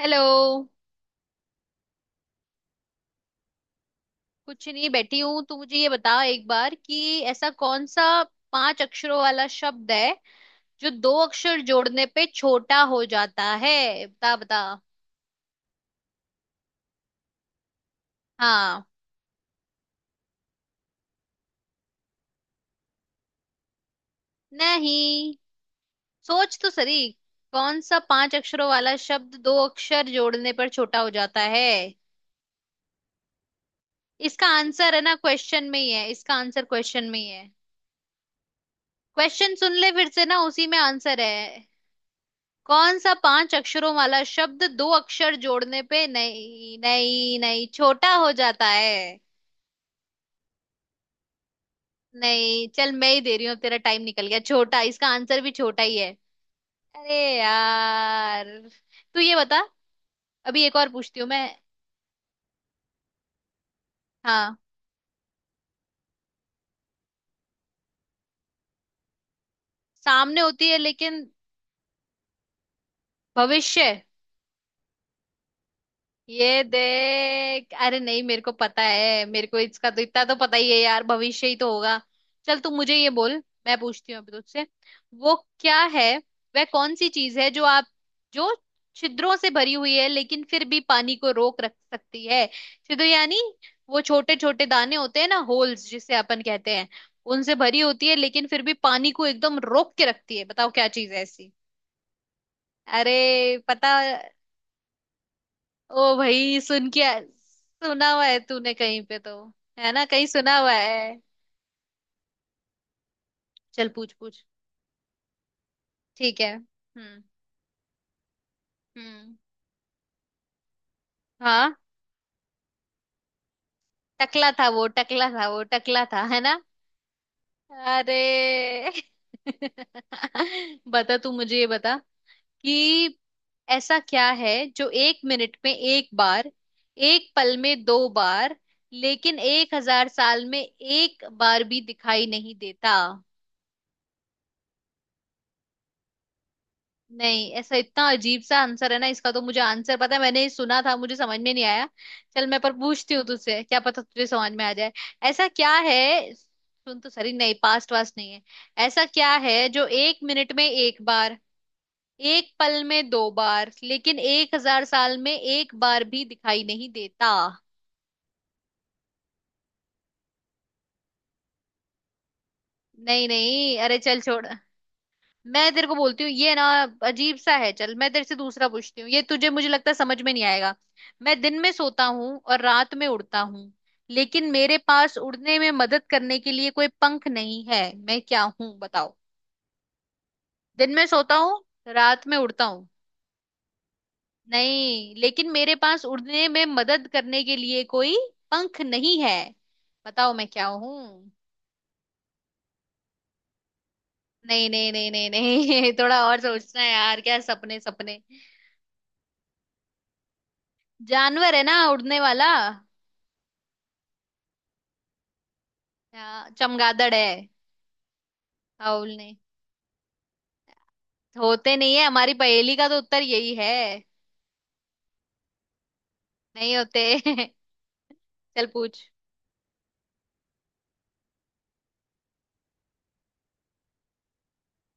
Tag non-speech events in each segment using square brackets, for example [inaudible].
Hello. कुछ नहीं, बैठी हूं। तू मुझे ये बता एक बार कि ऐसा कौन सा पांच अक्षरों वाला शब्द है जो दो अक्षर जोड़ने पे छोटा हो जाता है? बता बता। हाँ। नहीं, सोच तो सही। कौन सा पांच अक्षरों वाला शब्द दो अक्षर जोड़ने पर छोटा हो जाता है? इसका आंसर है ना, क्वेश्चन में ही है, इसका आंसर क्वेश्चन में ही है। क्वेश्चन सुन ले फिर से ना, उसी में आंसर है। कौन सा पांच अक्षरों वाला शब्द दो अक्षर जोड़ने पे, नहीं नहीं नहीं, छोटा हो जाता है? नहीं, चल मैं ही दे रही हूँ, तेरा टाइम निकल गया। छोटा, इसका आंसर भी छोटा ही है। अरे यार। तू ये बता, अभी एक और पूछती हूँ मैं। हाँ। सामने होती है लेकिन। भविष्य। ये देख, अरे नहीं, मेरे को पता है, मेरे को इसका तो इतना तो पता ही है यार, भविष्य ही तो होगा। चल तू मुझे ये बोल, मैं पूछती हूँ अभी तुझसे। वो क्या है? वह कौन सी चीज है जो आप, जो छिद्रों से भरी हुई है लेकिन फिर भी पानी को रोक रख सकती है? छिद्र यानी वो छोटे छोटे दाने होते हैं ना, होल्स जिसे अपन कहते हैं, उनसे भरी होती है लेकिन फिर भी पानी को एकदम रोक के रखती है, बताओ क्या चीज है ऐसी। अरे पता। ओ भाई, सुना हुआ है तूने कहीं पे तो, है ना कहीं सुना हुआ है। चल पूछ पूछ। ठीक है। हम्म। हाँ। टकला था वो, टकला था वो, टकला था, है ना। अरे। [laughs] बता, तू मुझे ये बता कि ऐसा क्या है जो 1 मिनट में एक बार, एक पल में दो बार, लेकिन 1,000 साल में एक बार भी दिखाई नहीं देता? नहीं, ऐसा इतना अजीब सा आंसर है ना इसका, तो मुझे आंसर पता है, मैंने ये सुना था, मुझे समझ में नहीं आया। चल मैं पर पूछती हूँ तुझसे, क्या पता तुझे समझ में आ जाए। ऐसा क्या है सुन तो सही, नहीं पास्ट वास्ट नहीं है। ऐसा क्या है जो एक मिनट में एक बार, एक पल में दो बार, लेकिन एक हजार साल में एक बार भी दिखाई नहीं देता? नहीं नहीं, अरे चल छोड़। मैं तेरे को बोलती हूँ ये ना, अजीब सा है। चल मैं तेरे से दूसरा पूछती हूँ, ये तुझे मुझे लगता है समझ में नहीं आएगा। मैं दिन में सोता हूँ और रात में उड़ता हूँ, लेकिन मेरे पास उड़ने में मदद करने के लिए कोई पंख नहीं है, मैं क्या हूँ, बताओ। दिन में सोता हूँ, रात में उड़ता हूँ। नहीं, लेकिन मेरे पास उड़ने में मदद करने के लिए कोई पंख नहीं है, बताओ मैं क्या हूँ। नहीं नहीं नहीं नहीं नहीं। [laughs] थोड़ा और सोचना है यार, क्या सपने सपने? जानवर है ना, उड़ने वाला। चमगादड़ है। राहुल ने, तो होते नहीं है, हमारी पहेली का तो उत्तर यही है। नहीं होते। [laughs] चल पूछ।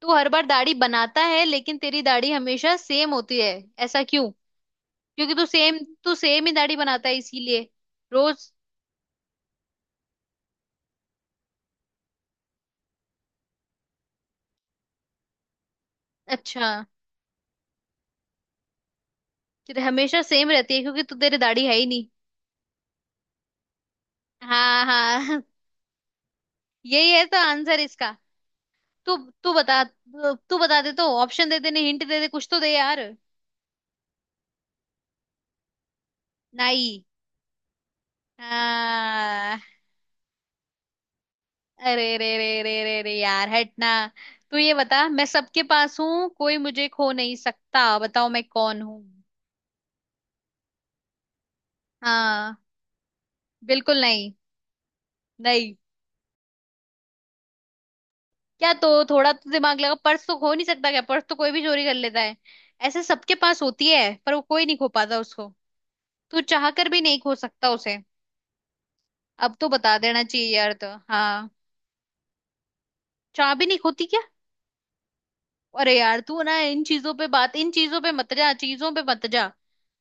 तू हर बार दाढ़ी बनाता है लेकिन तेरी दाढ़ी हमेशा सेम होती है, ऐसा क्यों? क्योंकि तू सेम, तू सेम ही दाढ़ी बनाता है इसीलिए, रोज। अच्छा। तेरे हमेशा सेम रहती है क्योंकि तू, तेरी दाढ़ी है ही नहीं। हाँ हाँ। [laughs] यही है तो आंसर इसका। तू तू बता, तू बता दे तो, ऑप्शन दे दे, नहीं हिंट दे दे, कुछ तो दे यार। नाई। हाँ। अरे रे रे रे रे रे यार, हटना। तू ये बता, मैं सबके पास हूँ, कोई मुझे खो नहीं सकता, बताओ मैं कौन हूँ। हाँ, बिल्कुल नहीं। नहीं, क्या तो, थोड़ा तो दिमाग लगा, पर्स तो खो नहीं सकता क्या? पर्स तो कोई भी चोरी कर लेता है। ऐसे सबके पास होती है पर वो कोई नहीं खो पाता उसको। तू चाह कर भी नहीं खो सकता उसे। अब तो बता देना चाहिए यार, तो हाँ। चाह भी नहीं खोती क्या? अरे यार तू ना इन चीजों पे बात, इन चीजों पे मत जा, चीजों पे मत जा।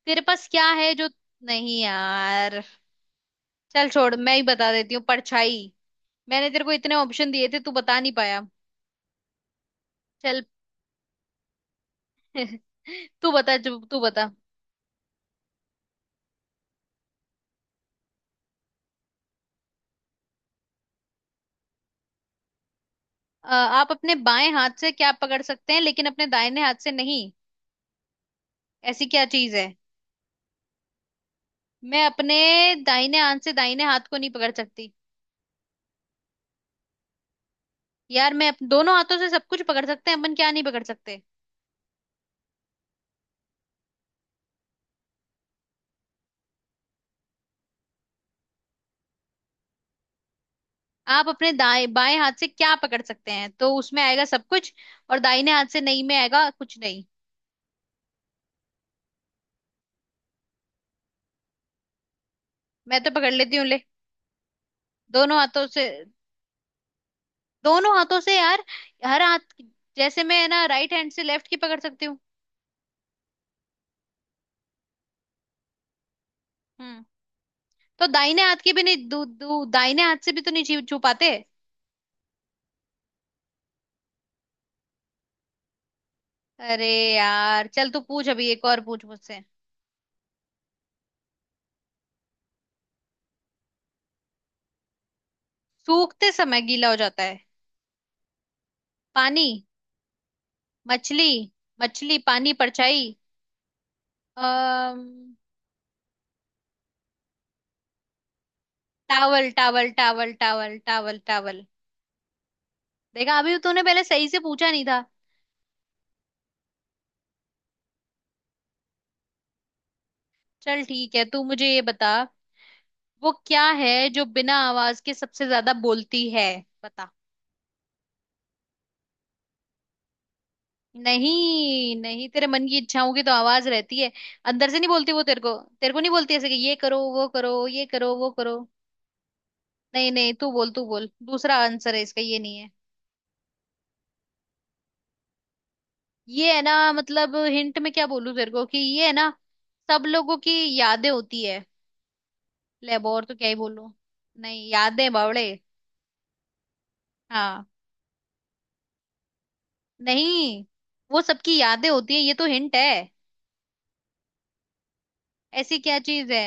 तेरे पास क्या है जो? नहीं यार। चल छोड़, मैं ही बता देती हूँ, परछाई। मैंने तेरे को इतने ऑप्शन दिए थे, तू बता नहीं पाया। चल। [laughs] तू बता जो, तू बता। आप अपने बाएं हाथ से क्या पकड़ सकते हैं लेकिन अपने दाहिने हाथ से नहीं? ऐसी क्या चीज है? मैं अपने दाहिने हाथ से दाहिने हाथ को नहीं पकड़ सकती। यार, दोनों हाथों से सब कुछ पकड़ सकते हैं अपन, क्या नहीं पकड़ सकते? आप अपने दाएं बाएं हाथ से क्या पकड़ सकते हैं तो उसमें आएगा सब कुछ, और दाहिने हाथ से नहीं में आएगा कुछ नहीं। मैं तो पकड़ लेती हूँ ले, दोनों हाथों से, दोनों हाथों से यार, हर हाथ। जैसे मैं है ना राइट हैंड से लेफ्ट की पकड़ सकती हूँ। हम्म। तो दाहिने हाथ की भी नहीं, दू, दू, दाहिने हाथ से भी तो नहीं छू छू पाते। अरे यार, चल तू पूछ, अभी एक और पूछ मुझसे। सूखते समय गीला हो जाता है? पानी। मछली। मछली, पानी, परछाई। अम्म towel towel towel towel towel towel. देखा, अभी तो तूने पहले सही से पूछा नहीं था। चल ठीक है, तू मुझे ये बता, वो क्या है जो बिना आवाज के सबसे ज्यादा बोलती है, बता। नहीं नहीं, तेरे मन की इच्छा होगी तो आवाज रहती है, अंदर से नहीं बोलती वो तेरे को। तेरे को नहीं बोलती ऐसे कि ये करो वो करो ये करो वो करो। नहीं नहीं, तू बोल, तू बोल, दूसरा आंसर है इसका, ये नहीं है। ये है ना, मतलब हिंट में क्या बोलूं तेरे को कि ये है ना, सब लोगों की यादें होती है। ले, और तो क्या ही बोलूं। नहीं, यादें बावड़े। हाँ। नहीं, वो सबकी यादें होती है, ये तो हिंट है। ऐसी क्या चीज है?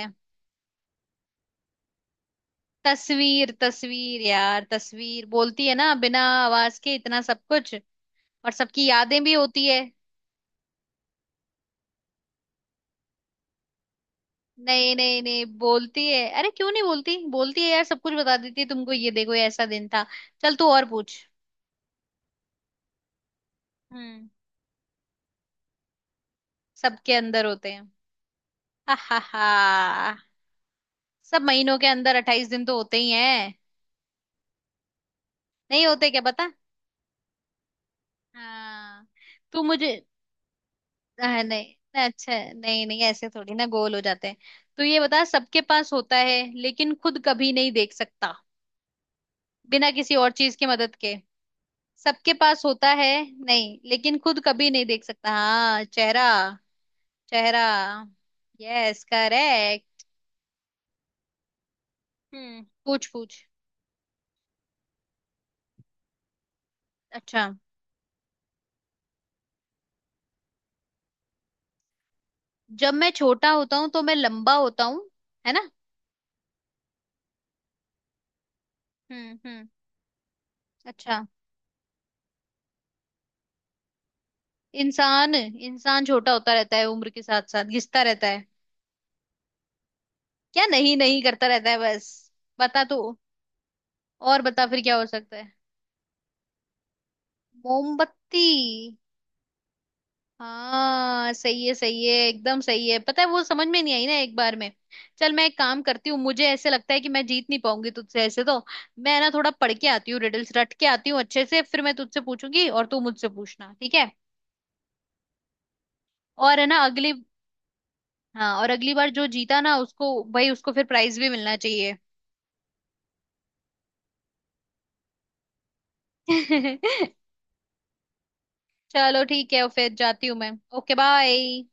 तस्वीर, तस्वीर यार, तस्वीर बोलती है ना बिना आवाज के इतना सब कुछ, और सबकी यादें भी होती है। नहीं नहीं नहीं, बोलती है, अरे क्यों नहीं बोलती, बोलती है यार, सब कुछ बता देती है तुमको, ये देखो ये ऐसा दिन था। चल तू और पूछ। हम्म। सबके अंदर होते हैं। हा हा हा। सब महीनों के अंदर 28 दिन तो होते ही हैं। नहीं होते क्या, पता। हाँ। तू मुझे। हाँ नहीं ना, अच्छा, नहीं नहीं, ऐसे थोड़ी ना गोल हो जाते हैं। तो ये बता, सबके पास होता है लेकिन खुद कभी नहीं देख सकता बिना किसी और चीज की मदद के, सबके पास होता है। नहीं, लेकिन खुद कभी नहीं देख सकता। हाँ, चेहरा। चेहरा। Yes correct. हम्म, पूछ पूछ। अच्छा। जब मैं छोटा होता हूँ तो मैं लंबा होता हूँ, है ना। हम्म। अच्छा। इंसान, इंसान छोटा होता रहता है उम्र के साथ साथ, घिसता रहता है। क्या नहीं, नहीं करता रहता है बस। बता तू। और बता, फिर क्या हो सकता है? मोमबत्ती। हाँ सही है, सही है, एकदम सही है, पता है वो समझ में नहीं आई ना एक बार में। चल मैं एक काम करती हूँ, मुझे ऐसे लगता है कि मैं जीत नहीं पाऊंगी तुझसे ऐसे तो। मैं ना थोड़ा पढ़ के आती हूँ, रिडल्स रट के आती हूँ अच्छे से, फिर मैं तुझसे पूछूंगी और तू मुझसे पूछना, ठीक है। और है ना अगली। हाँ, और अगली बार जो जीता ना उसको, भाई, उसको फिर प्राइज भी मिलना चाहिए। [laughs] चलो ठीक है, फिर जाती हूँ मैं। Okay bye.